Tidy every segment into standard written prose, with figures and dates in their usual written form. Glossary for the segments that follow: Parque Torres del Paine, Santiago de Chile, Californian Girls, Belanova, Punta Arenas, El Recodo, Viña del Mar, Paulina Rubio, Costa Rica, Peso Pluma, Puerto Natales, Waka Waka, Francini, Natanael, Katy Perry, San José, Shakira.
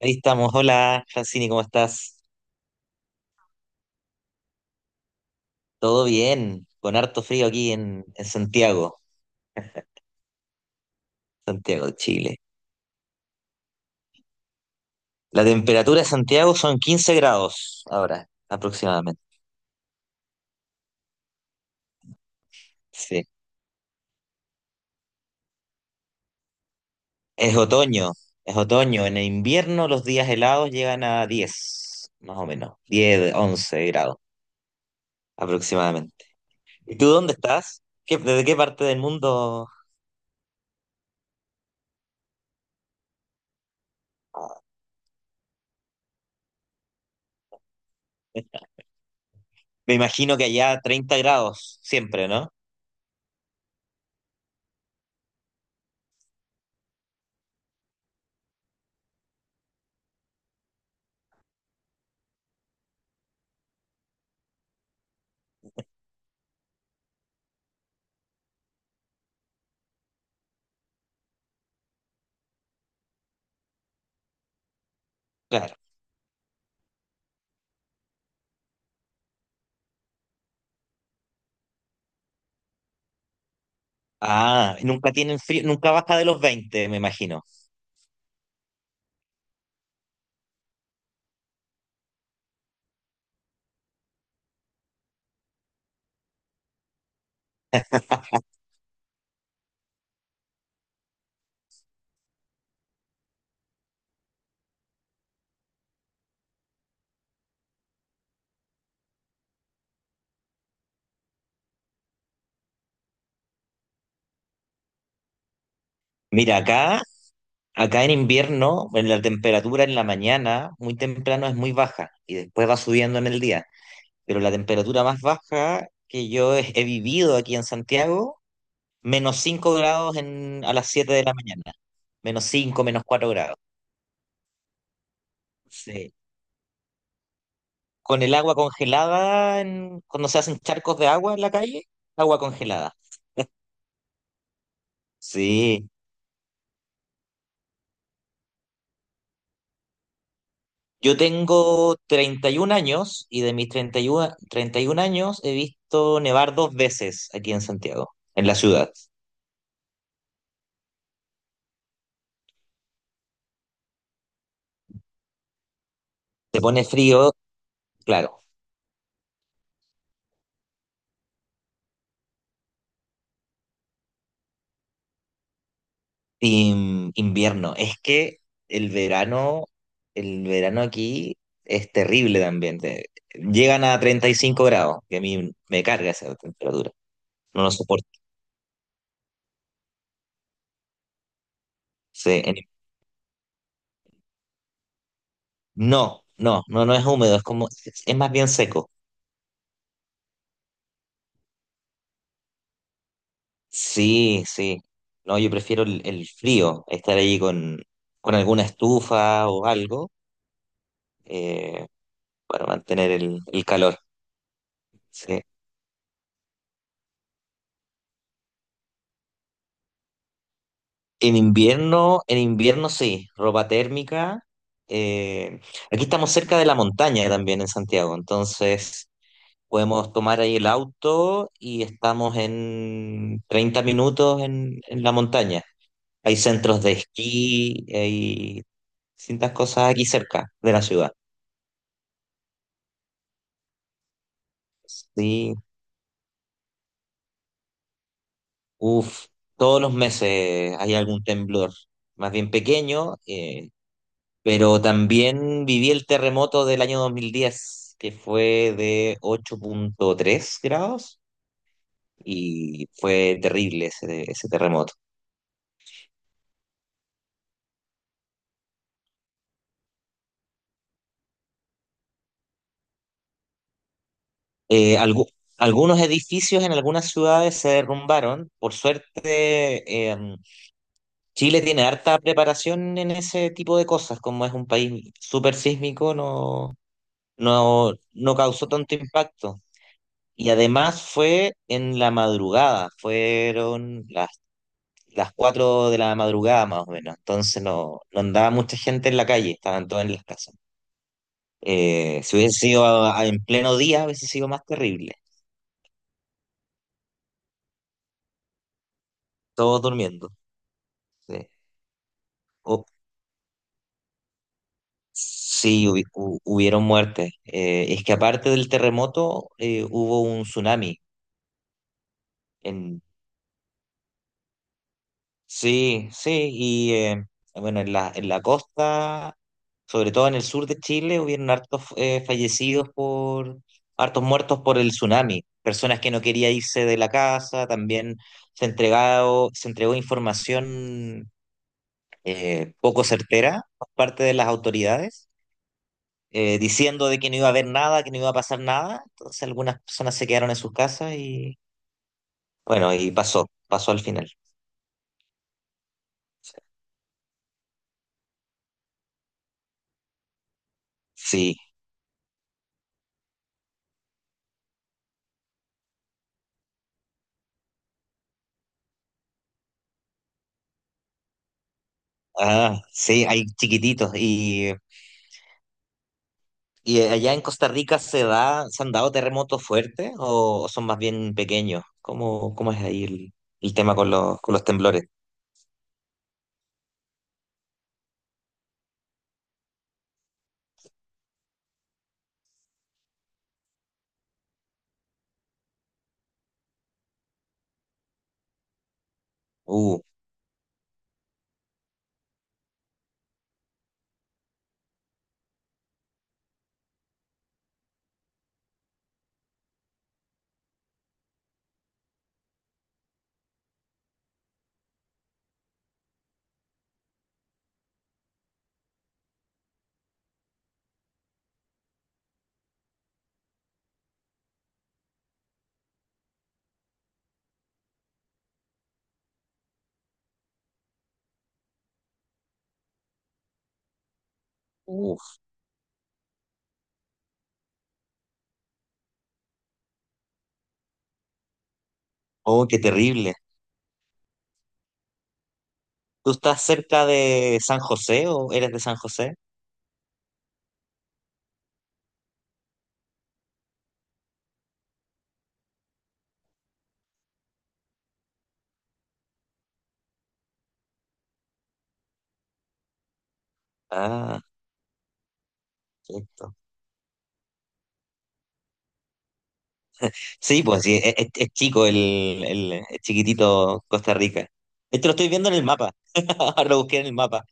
Ahí estamos. Hola, Francini, ¿cómo estás? ¿Todo bien? Con harto frío aquí en Santiago, Santiago de Chile. La temperatura de Santiago son 15 grados ahora, aproximadamente. Sí. Es otoño, es otoño. En el invierno los días helados llegan a 10, más o menos, 10, 11 grados aproximadamente. ¿Y tú dónde estás? ¿Desde qué parte del mundo? Me imagino que allá 30 grados siempre, ¿no? Claro. Ah, nunca tienen frío, nunca baja de los 20, me imagino. Mira, acá, acá en invierno, en la temperatura en la mañana, muy temprano es muy baja y después va subiendo en el día. Pero la temperatura más baja que yo he vivido aquí en Santiago, menos 5 grados a las 7 de la mañana. Menos 5, menos 4 grados. Sí. Con el agua congelada, cuando se hacen charcos de agua en la calle, agua congelada. Sí. Yo tengo 31 años y de mis treinta treinta y uno treinta y 31 años he visto nevar dos veces aquí en Santiago, en la ciudad. Se pone frío, claro. Invierno. Es que el verano, el verano aquí es terrible también. Llegan a 35 grados, que a mí me carga esa temperatura. No lo soporto. Se- en- no, no, no, no es húmedo, es como, es más bien seco. Sí, sí. No, yo prefiero el frío, estar ahí con alguna estufa o algo eh, para mantener el calor. Sí. En invierno sí, ropa térmica. eh, Aquí estamos cerca de la montaña también en Santiago, entonces podemos tomar ahí el auto y estamos en 30 minutos en la montaña. Hay centros de esquí, hay distintas cosas aquí cerca de la ciudad. Sí. Uf, todos los meses hay algún temblor, más bien pequeño, pero también viví el terremoto del año dos mil diez, que fue de ocho punto tres grados, y fue terrible ese terremoto. Eh, algu- Algunos edificios en algunas ciudades se derrumbaron. Por suerte, Chile tiene harta preparación en ese tipo de cosas. Como es un país súper sísmico, no causó tanto impacto. Y además fue en la madrugada, fueron las 4 de la madrugada más o menos, entonces no, no andaba mucha gente en la calle, estaban todos en las casas. Si hubiese sido en pleno día, hubiese sido más terrible, todos durmiendo. Sí. O- sí, hubieron muertes. Es que aparte del terremoto, hubo un tsunami. En, sí, sí. Bueno, en la costa, sobre todo en el sur de Chile, hubieron hartos, fallecidos por, hartos muertos por el tsunami. Personas que no querían irse de la casa, también se entregó información poco certera por parte de las autoridades, diciendo de que no iba a haber nada, que no iba a pasar nada, entonces algunas personas se quedaron en sus casas y bueno, y pasó, pasó al final. Sí. Sí. Ah, sí, hay chiquititos. Y ¿y allá en Costa Rica se da, se han dado terremotos fuertes o son más bien pequeños? ¿Cómo, cómo es ahí el tema con los temblores? Uh, uh, oh, qué terrible. ¿Tú estás cerca de San José o eres de San José? Ah, perfecto. Sí, pues sí, es, es chico es chiquitito Costa Rica. Esto lo estoy viendo en el mapa. Ahora lo busqué en el mapa.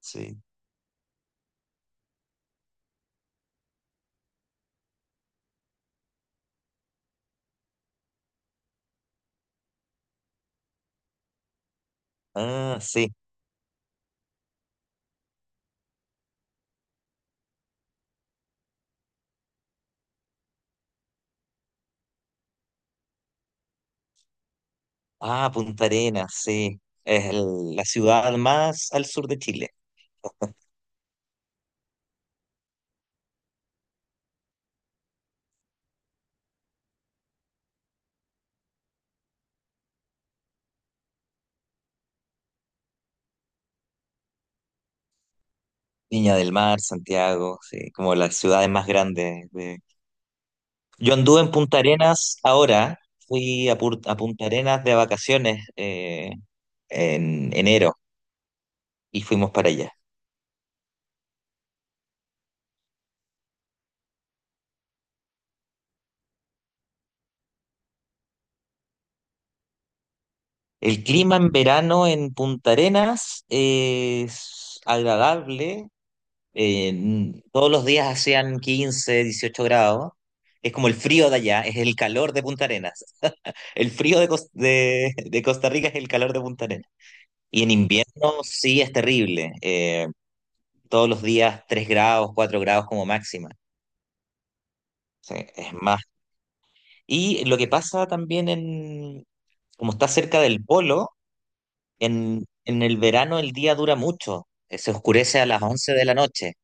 Sí. Ah, sí. Ah, Punta Arenas, sí. La ciudad más al sur de Chile. Viña del Mar, Santiago, sí, como las ciudades más grandes. Yo anduve en Punta Arenas ahora, fui a, a Punta Arenas de vacaciones, en enero, y fuimos para allá. El clima en verano en Punta Arenas es agradable. Todos los días hacían 15, 18 grados. Es como el frío de allá, es el calor de Punta Arenas. El frío de, de Costa Rica es el calor de Punta Arenas. Y en invierno sí es terrible. Todos los días 3 grados, 4 grados como máxima. Sí, es más. Y lo que pasa también como está cerca del polo, en el verano el día dura mucho. Se oscurece a las 11 de la noche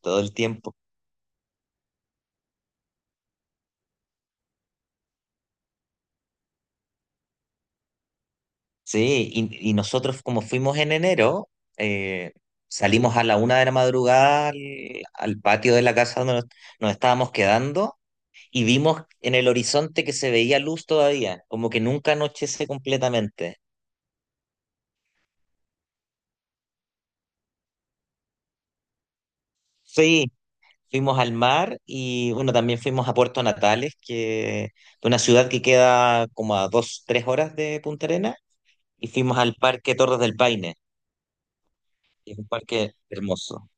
todo el tiempo. Sí, y nosotros como fuimos en enero, eh, salimos a la una de la madrugada al patio de la casa donde nos estábamos quedando, y vimos en el horizonte que se veía luz todavía, como que nunca anochece completamente. Sí, fuimos al mar y bueno, también fuimos a Puerto Natales, que es una ciudad que queda como a dos, tres horas de Punta Arenas, y fuimos al Parque Torres del Paine, que es un parque hermoso.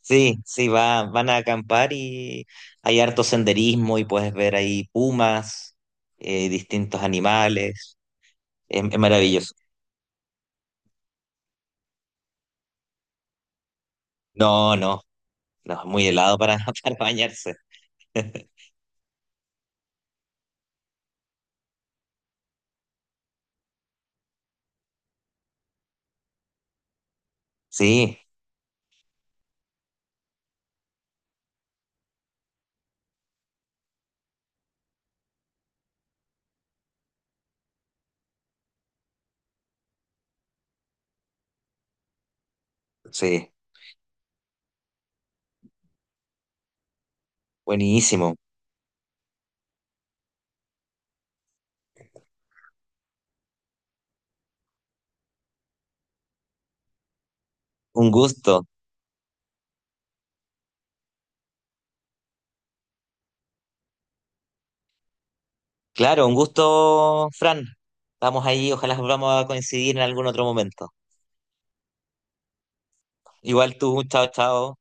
Sí, sí, va, van a acampar, y hay harto senderismo y puedes ver ahí pumas, distintos animales. Es maravilloso. No, no, no, es muy helado para, para bañarse. Sí, sí, buenísimo. Un gusto. Claro, un gusto, Fran. Vamos ahí, ojalá volvamos a coincidir en algún otro momento. Igual tú, chao, chao.